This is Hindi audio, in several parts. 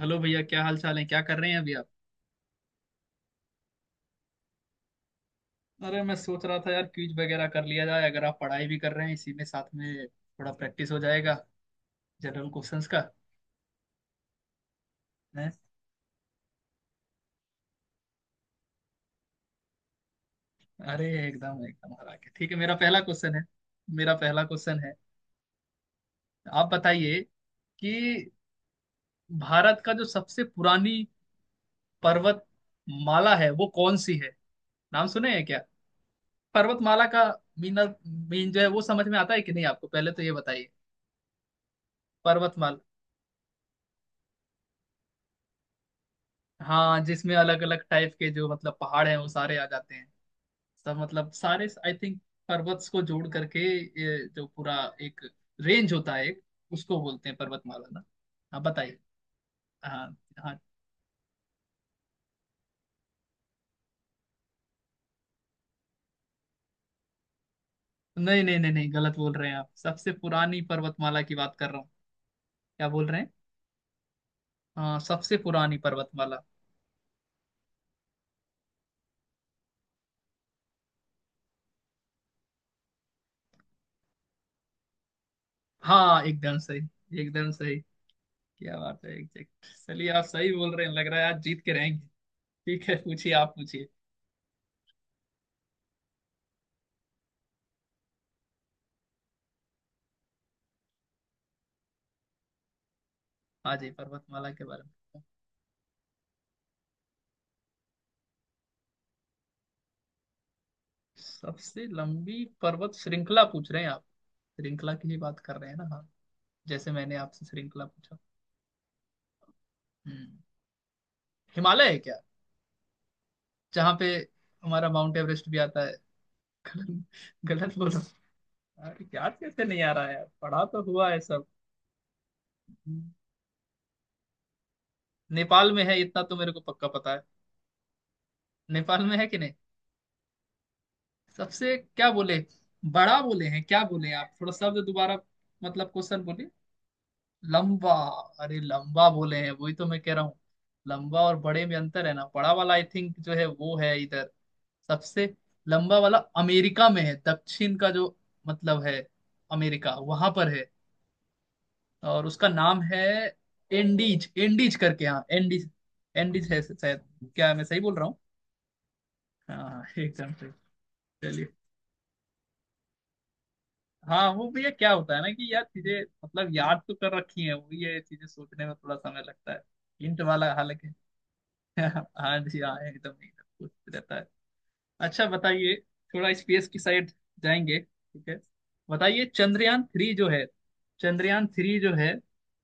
हेलो भैया, क्या हाल चाल है? क्या कर रहे हैं अभी आप? अरे मैं सोच रहा था यार, क्विज वगैरह कर लिया जाए। अगर आप पढ़ाई भी कर रहे हैं इसी में साथ में थोड़ा प्रैक्टिस हो जाएगा जनरल क्वेश्चंस का। हैं? अरे एकदम एकदम हरा के, ठीक है। मेरा पहला क्वेश्चन है। मेरा पहला क्वेश्चन है। आप बताइए कि भारत का जो सबसे पुरानी पर्वत माला है वो कौन सी है? नाम सुने हैं क्या पर्वतमाला का? मीन। मीन जो है वो समझ में आता है कि नहीं आपको, पहले तो ये बताइए। पर्वतमाला। हाँ, जिसमें अलग अलग टाइप के जो मतलब पहाड़ हैं वो सारे आ जाते हैं। सब मतलब सारे आई थिंक पर्वत को जोड़ करके ये जो पूरा एक रेंज होता है एक, उसको बोलते हैं पर्वतमाला ना। हाँ, बताइए। हाँ। हाँ, नहीं नहीं नहीं नहीं, गलत बोल रहे हैं आप। सबसे पुरानी पर्वतमाला की बात कर रहा हूँ। क्या बोल रहे हैं? हाँ, सबसे पुरानी पर्वतमाला। हाँ एकदम सही, एकदम सही। क्या बात है! एग्जैक्ट। चलिए, आप सही बोल रहे हैं, लग रहा है आज जीत के रहेंगे। ठीक है, पूछिए, आप पूछिए। हाँ जी, पर्वतमाला के बारे में। सबसे लंबी पर्वत श्रृंखला पूछ रहे हैं आप? श्रृंखला की ही बात कर रहे हैं ना? हाँ। जैसे मैंने आपसे श्रृंखला पूछा। हम्म। हिमालय है क्या? जहाँ पे हमारा माउंट एवरेस्ट भी आता है। गलत, गलत बोला। अरे याद कैसे नहीं आ रहा है, पढ़ा तो हुआ है सब। हम्म। नेपाल में है इतना तो मेरे को पक्का पता है। नेपाल में है कि नहीं? सबसे क्या बोले? बड़ा बोले हैं? क्या बोले आप, थोड़ा शब्द दोबारा। मतलब क्वेश्चन बोले। लंबा। अरे लंबा बोले हैं, वही तो मैं कह रहा हूँ। लंबा और बड़े में अंतर है ना? बड़ा वाला आई थिंक जो है वो है इधर, सबसे लंबा वाला अमेरिका में है, दक्षिण का जो मतलब है, अमेरिका वहां पर है। और उसका नाम है एंडीज, एंडीज करके, हाँ एंडीज। एंडीज है शायद। क्या मैं सही बोल रहा हूँ? हाँ, एकदम सही। चलिए। हाँ वो भैया, क्या होता है ना कि यार, चीजें मतलब याद तो कर रखी है, वो ये चीजें सोचने में थोड़ा समय लगता है। हिंट वाला हालांकि। हाँ जी हाँ, एकदम एकदम कुछ रहता है। अच्छा, बताइए। थोड़ा स्पेस की साइड जाएंगे, ठीक है। बताइए, चंद्रयान थ्री जो है। चंद्रयान थ्री जो है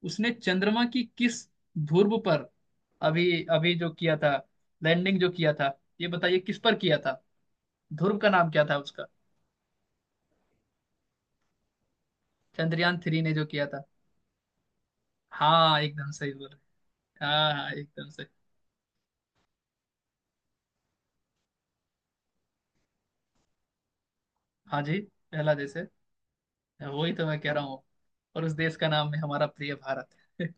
उसने चंद्रमा की किस ध्रुव पर अभी अभी जो किया था लैंडिंग जो किया था, ये बताइए किस पर किया था, ध्रुव का नाम क्या था उसका? चंद्रयान थ्री ने जो किया था। हाँ एकदम सही बोल रहे हैं। हाँ हाँ, एकदम सही। हाँ जी। पहला देश है, वही तो मैं कह रहा हूँ। और उस देश का नाम है हमारा प्रिय भारत।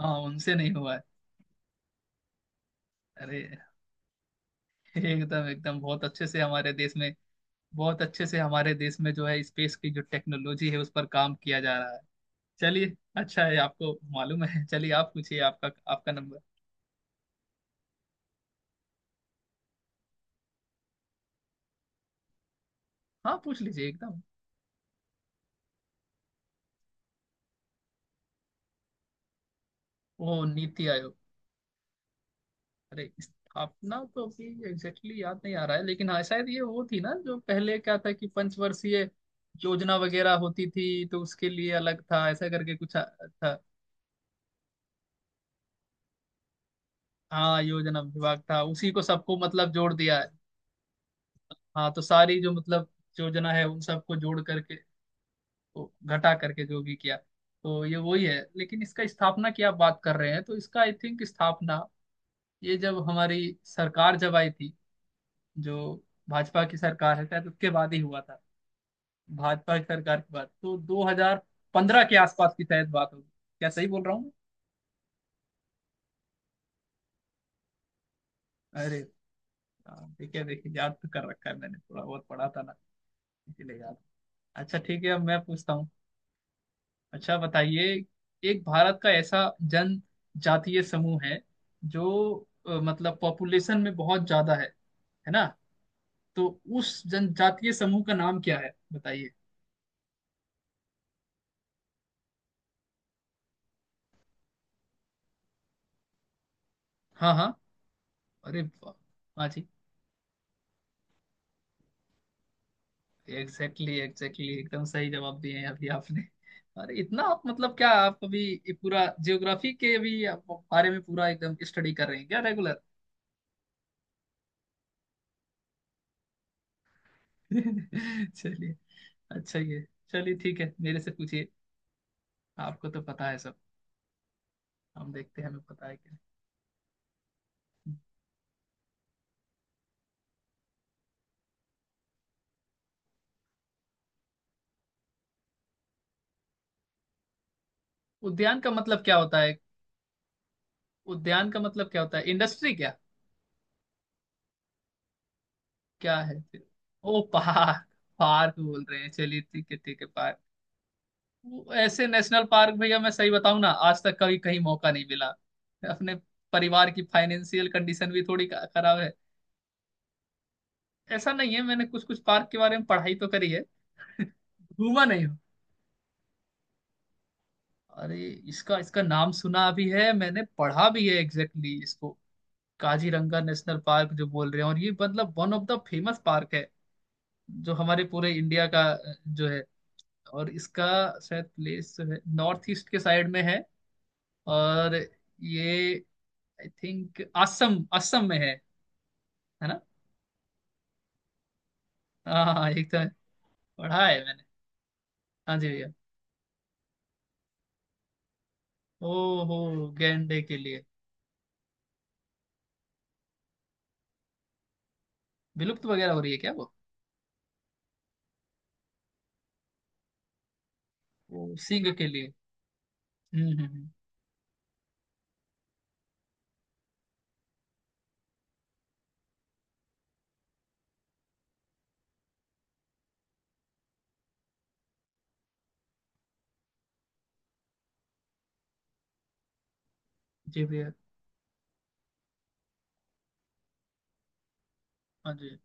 हाँ, उनसे नहीं हुआ है। अरे एकदम एकदम, बहुत अच्छे से हमारे देश में। बहुत अच्छे से हमारे देश में जो है स्पेस की जो टेक्नोलॉजी है उस पर काम किया जा रहा है। चलिए। अच्छा है आपको मालूम है। चलिए, आप पूछिए, आपका आपका नंबर। हाँ, पूछ लीजिए एकदम। वो नीति आयोग। अरे स्थापना तो अभी एग्जैक्टली याद नहीं आ रहा है, लेकिन हाँ शायद ये वो थी ना, जो पहले क्या था कि पंचवर्षीय योजना वगैरह होती थी तो उसके लिए अलग था, ऐसा करके कुछ था। हाँ, योजना विभाग था उसी को सबको मतलब जोड़ दिया है। हाँ, तो सारी जो मतलब योजना है उन सबको जोड़ करके तो घटा करके जो भी किया, तो ये वही है। लेकिन इसका स्थापना की आप बात कर रहे हैं तो इसका आई थिंक स्थापना ये जब हमारी सरकार जब आई थी, जो भाजपा की सरकार है शायद उसके बाद ही हुआ था। भाजपा की सरकार के बाद तो 2015 के आसपास की शायद बात होगी। क्या सही बोल रहा हूँ मैं? अरे। हाँ, ठीक है, देखिए याद तो कर रखा है मैंने, थोड़ा बहुत पढ़ा था ना, इसीलिए याद। अच्छा ठीक है, अब मैं पूछता हूँ। अच्छा, बताइए। एक भारत का ऐसा जनजातीय समूह है जो मतलब पॉपुलेशन में बहुत ज्यादा है ना? तो उस जनजातीय समूह का नाम क्या है, बताइए। हाँ हाँ। अरे वाह। हाँ जी। एग्जैक्टली एग्जैक्टली, एकदम सही जवाब दिए हैं अभी आपने। अरे इतना आप मतलब, क्या आप अभी ये पूरा जियोग्राफी के भी आप बारे में पूरा एकदम स्टडी कर रहे हैं क्या रेगुलर? चलिए। अच्छा ये, चलिए ठीक है, मेरे से पूछिए। आपको तो पता है सब, हम देखते हैं हमें पता है कि नहीं। उद्यान का मतलब क्या होता है? उद्यान का मतलब क्या होता है, इंडस्ट्री क्या? क्या है फिर? ओ पार्क। पार्क बोल रहे हैं, चलिए ठीक है, ठीक है पार्क। वो ऐसे नेशनल पार्क भैया, मैं सही बताऊं ना, आज तक कभी कहीं मौका नहीं मिला। अपने परिवार की फाइनेंशियल कंडीशन भी थोड़ी खराब है। ऐसा नहीं है, मैंने कुछ कुछ पार्क के बारे में पढ़ाई तो करी है। घूमा नहीं हूं। अरे इसका इसका नाम सुना भी है, मैंने पढ़ा भी है, एग्जैक्टली इसको। काजीरंगा नेशनल पार्क जो बोल रहे हैं, और ये मतलब one of the famous park है जो हमारे पूरे इंडिया का जो है, और इसका शायद प्लेस जो है नॉर्थ ईस्ट के साइड में है, और ये आई थिंक असम असम में है ना? हाँ हाँ एकदम। पढ़ा है मैंने। हाँ जी भैया। ओ। हो, गैंडे के लिए। विलुप्त वगैरह हो रही है क्या वो? वो सींग के लिए। हम्म हम्म हम्म। जी भैया। हाँ जी।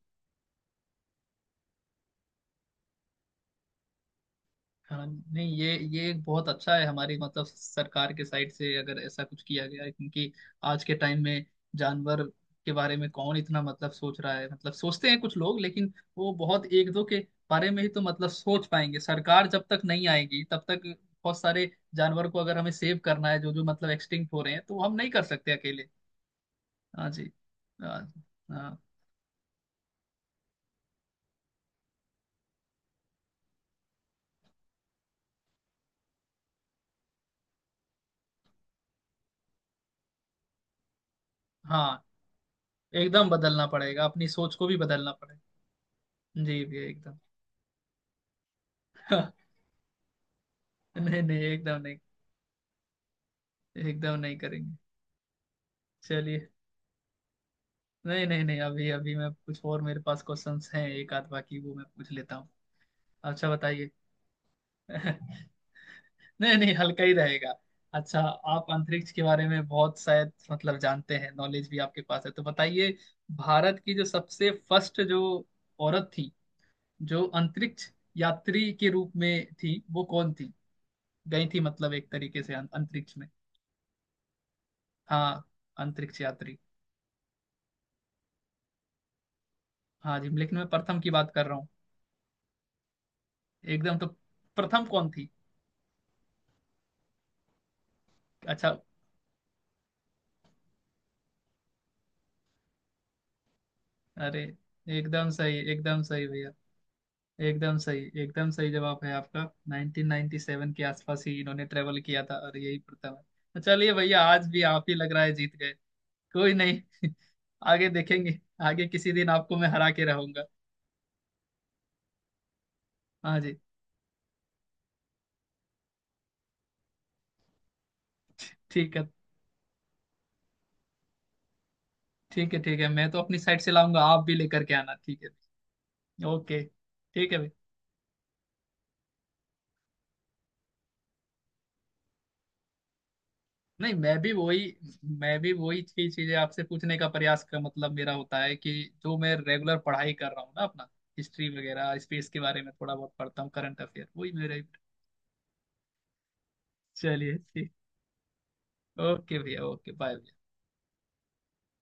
हाँ। नहीं, ये एक बहुत अच्छा है हमारी मतलब सरकार के साइड से अगर ऐसा कुछ किया गया है, क्योंकि आज के टाइम में जानवर के बारे में कौन इतना मतलब सोच रहा है? मतलब सोचते हैं कुछ लोग, लेकिन वो बहुत एक दो के बारे में ही तो मतलब सोच पाएंगे, सरकार जब तक नहीं आएगी तब तक। बहुत सारे जानवर को अगर हमें सेव करना है जो जो मतलब एक्सटिंक्ट हो रहे हैं, तो वो हम नहीं कर सकते अकेले। हाँ जी। हाँ हाँ। हाँ, एकदम बदलना पड़ेगा, अपनी सोच को भी बदलना पड़ेगा। जी भैया, एकदम। नहीं नहीं, एकदम नहीं। एकदम नहीं करेंगे। चलिए। नहीं नहीं नहीं, अभी अभी मैं, कुछ और मेरे पास क्वेश्चंस हैं एक आध बाकी वो मैं पूछ लेता हूँ। अच्छा, बताइए। नहीं नहीं, हल्का ही रहेगा। अच्छा, आप अंतरिक्ष के बारे में बहुत शायद मतलब जानते हैं, नॉलेज भी आपके पास है, तो बताइए। भारत की जो सबसे फर्स्ट जो औरत थी जो अंतरिक्ष यात्री के रूप में थी वो कौन थी? गई थी मतलब एक तरीके से अंतरिक्ष में। हाँ। अंतरिक्ष यात्री। हाँ जी, लेकिन मैं प्रथम की बात कर रहा हूँ। एकदम तो। प्रथम कौन थी? अच्छा। अरे एकदम सही, एकदम सही भैया। एकदम सही, एकदम सही जवाब है आपका। 1997 के आसपास ही इन्होंने ट्रेवल किया था और यही प्रथम है। तो चलिए भैया, आज भी आप ही लग रहा है जीत गए। कोई नहीं। आगे देखेंगे। आगे किसी दिन आपको मैं हरा के रहूंगा। हाँ जी। ठीक है, ठीक है। ठीक है, मैं तो अपनी साइड से लाऊंगा, आप भी लेकर के आना, ठीक है। ओके। ठीक है। नहीं, मैं भी वही चीजें आपसे पूछने का प्रयास का मतलब मेरा होता है कि जो मैं रेगुलर पढ़ाई कर रहा हूँ ना अपना, हिस्ट्री वगैरह स्पेस के बारे में थोड़ा बहुत पढ़ता हूँ, करंट अफेयर वही मेरे। चलिए ठीक। ओके भैया, ओके बाय।